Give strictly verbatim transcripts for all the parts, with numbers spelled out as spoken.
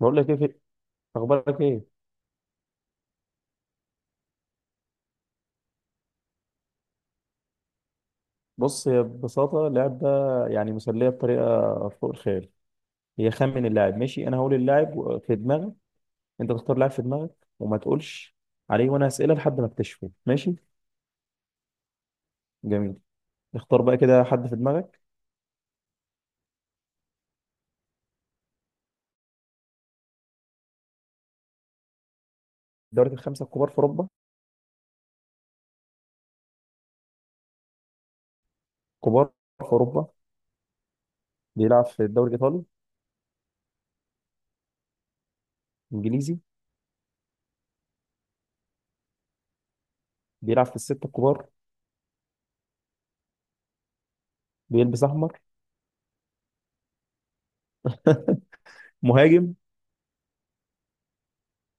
بقول لك ايه في- اخبارك ايه؟ بص، هي ببساطه اللعب ده يعني مسليه بطريقه فوق الخيال. هي خمن اللاعب. ماشي، انا هقول اللاعب و- في دماغك، انت تختار لاعب في دماغك وما تقولش عليه وانا اسئله لحد ما اكتشفه، ماشي؟ جميل. اختار بقى كده حد في دماغك. الدوري الخمسه الكبار في اوروبا. كبار في اوروبا. بيلعب في الدوري الايطالي؟ انجليزي؟ بيلعب في السته الكبار؟ بيلبس احمر؟ مهاجم؟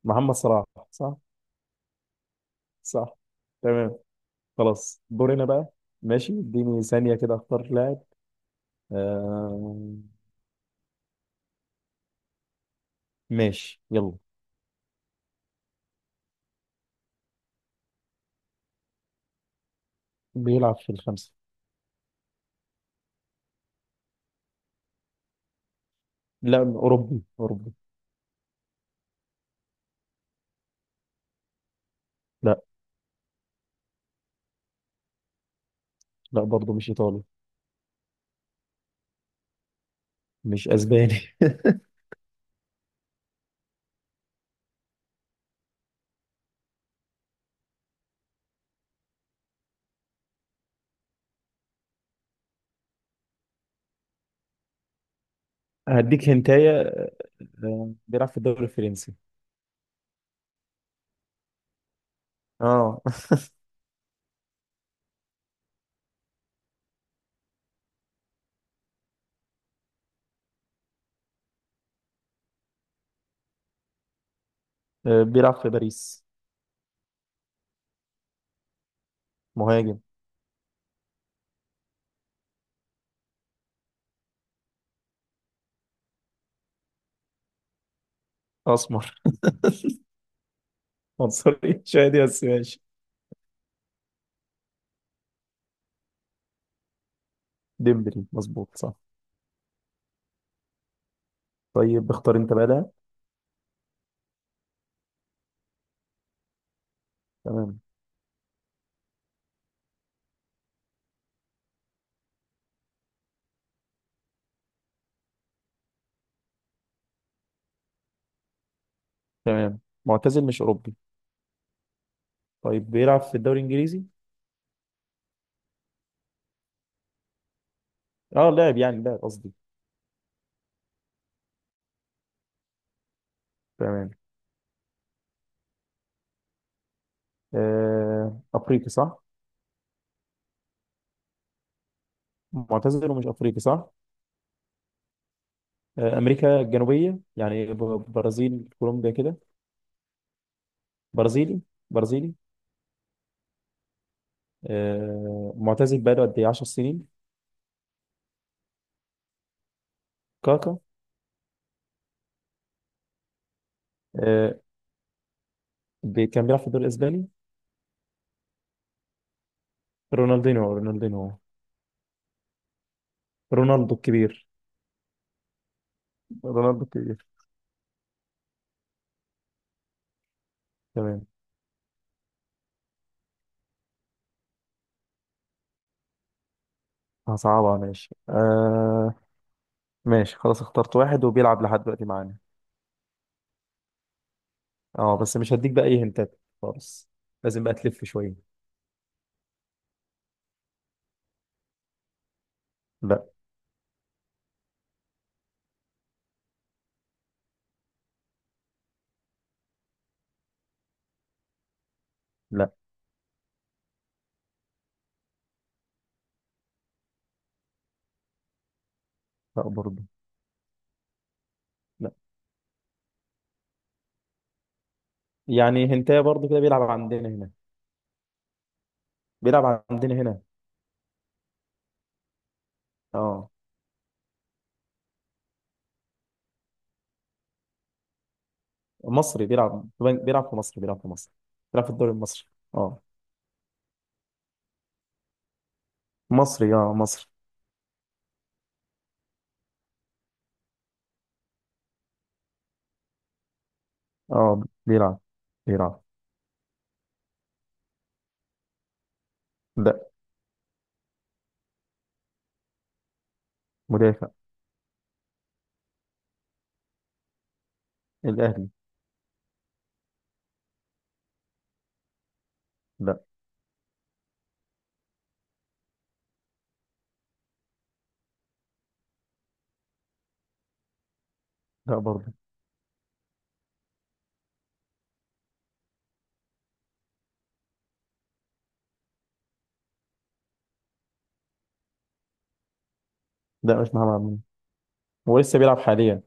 محمد صلاح؟ صح. صح. تمام. خلاص دورنا بقى. ماشي، اديني ثانيه كده اختار لاعب. آه. ماشي، يلا. بيلعب في الخمسة. لا، أوروبي أوروبي. لا. لا برضه، مش إيطالي. مش أسباني. هديك هنتاية. آه، بيلعب في الدوري الفرنسي. اه. آه، بيلعب في باريس. مهاجم. أسمر. عنصري شادي بس، ماشي. ديمبلي مظبوط، صح. طيب اختار أنت بقى ده. تمام. تمام، معتزل، مش أوروبي. طيب بيلعب في الدوري الإنجليزي. اه لاعب، يعني لاعب قصدي. تمام. آه أفريقي، صح؟ معتزل ومش أفريقي، صح؟ آه، امريكا الجنوبيه يعني ب- برازيل كولومبيا كده. برازيلي. برازيلي. آه، معتزل بقاله قد ايه، عشر سنين؟ كاكا؟ آه، بي- كان بيلعب في الدوري الاسباني. رونالدينو؟ رونالدينو؟ رونالدو الكبير. رونالدو الكبير. تمام. هصعبها ماشي، آه. ماشي، خلاص اخترت واحد وبيلعب لحد دلوقتي معانا. اه بس مش هديك بقى اي هنتات خالص، لازم بقى تلف شويه. لا. لا. لا برضه. لا. يعني هنتايه برضه كده، بيلعب عندنا هنا. بيلعب عندنا هنا. اه. مصري، بيلعب بيلعب في مصر، بيلعب في مصر. بيلعب في الدوري المصري. اه. مصري اه، مصري. اه بيلعب. بيلعب لا. مدافع. الاهلي. لا. لا برضه. لا مش محمد عبد المنعم. هو لسه بيلعب حاليا.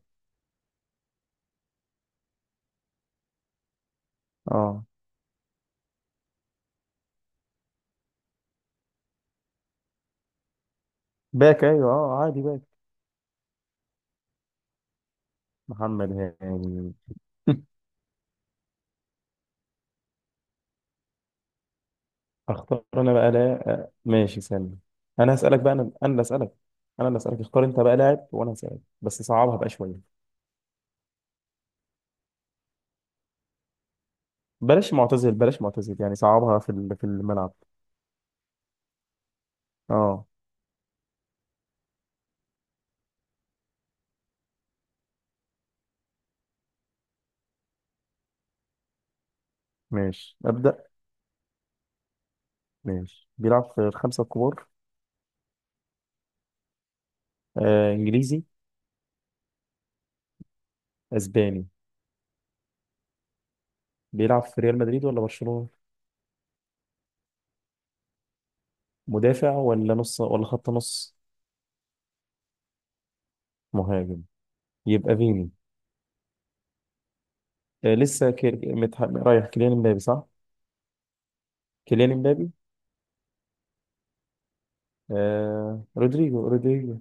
اه. باك ايوه، اه عادي باك. محمد هاني. اختار انا بقى، لا آه، ماشي سامي. انا هسالك بقى، انا انا اللي اسالك. انا اللي اسالك. اختار انت بقى لاعب وانا هسالك، بس صعبها بقى شويه. بلاش معتزل، بلاش معتزل، يعني صعبها في ال- في الملعب. اه. ماشي ابدا. ماشي، بيلعب في الخمسة الكبار. آه إنجليزي. أسباني. بيلعب في ريال مدريد ولا برشلونة؟ مدافع ولا نص ولا خط نص؟ مهاجم. يبقى فيني. آه لسه كير... متح... رايح، كيليان امبابي صح؟ كيليان امبابي. آه رودريجو؟ رودريجو؟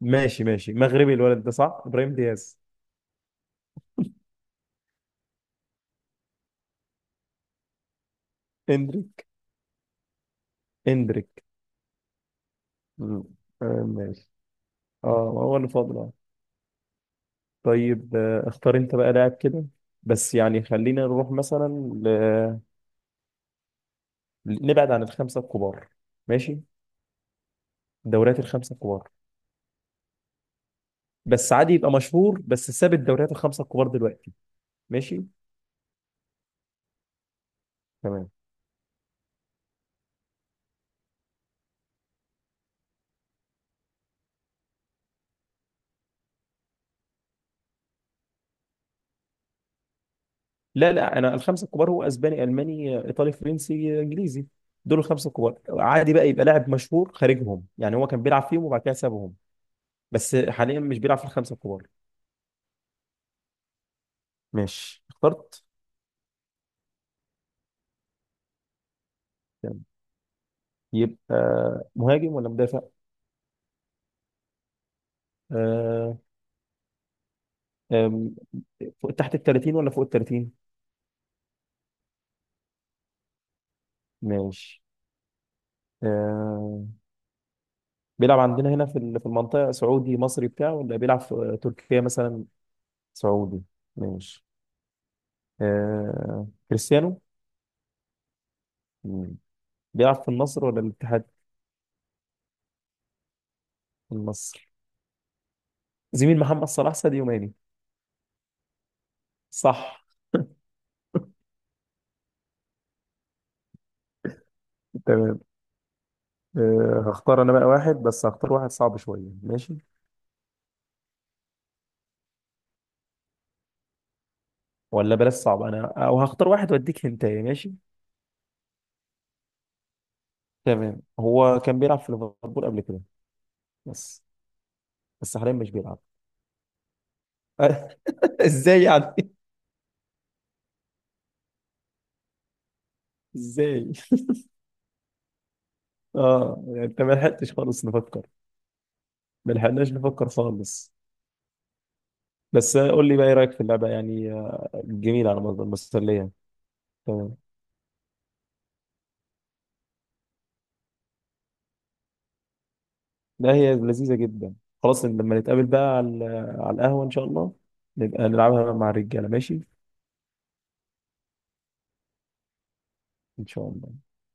ماشي ماشي، مغربي الولد ده، صح؟ إبراهيم دياز. اندريك. اندريك. مم. آه ماشي. اه هو اللي فاضل، آه. طيب آه اختار انت بقى لاعب كده، بس يعني خلينا نروح مثلا نبعد عن الخمسه الكبار، ماشي؟ الدوريات الخمسه الكبار. بس عادي يبقى مشهور، بس ساب الدوريات الخمسه الكبار دلوقتي. ماشي. تمام. لا لا، انا الخمسه الكبار هو اسباني الماني ايطالي فرنسي انجليزي، دول الخمسه الكبار، عادي بقى يبقى لاعب مشهور خارجهم، يعني هو كان بيلعب فيهم وبعد كده سابهم، بس حاليا مش بيلعب في الخمسه الكبار. ماشي اخترت. تمام. يبقى مهاجم ولا مدافع؟ آه. آم، فوق تحت ال تلاتين ولا فوق ال تلاتين؟ ماشي. آه بيلعب عندنا هنا في ال- في المنطقة، سعودي مصري بتاعه، ولا بيلعب في تركيا مثلا؟ سعودي. ماشي. آه كريستيانو؟ مم. بيلعب في النصر ولا الاتحاد؟ النصر. زميل محمد صلاح ساديو ماني؟ صح. تمام. آه هختار انا بقى واحد، بس هختار واحد صعب شوية، ماشي؟ ولا بلاش صعب، انا او هختار واحد واديك هنتايه، ماشي. تمام. هو كان بيلعب في ليفربول قبل كده، بس. بس حاليا مش بيلعب. ازاي يعني؟ ازاي؟ اه يعني انت ما لحقتش خالص نفكر. ما لحقناش نفكر خالص. بس قول لي بقى ايه رايك في اللعبه يعني، آه. جميله، على مصدر مسليه. تمام. لا هي لذيذه جدا. خلاص لما نتقابل بقى على على القهوه ان شاء الله، نبقى نلعبها مع الرجاله، ماشي. ان شاء الله.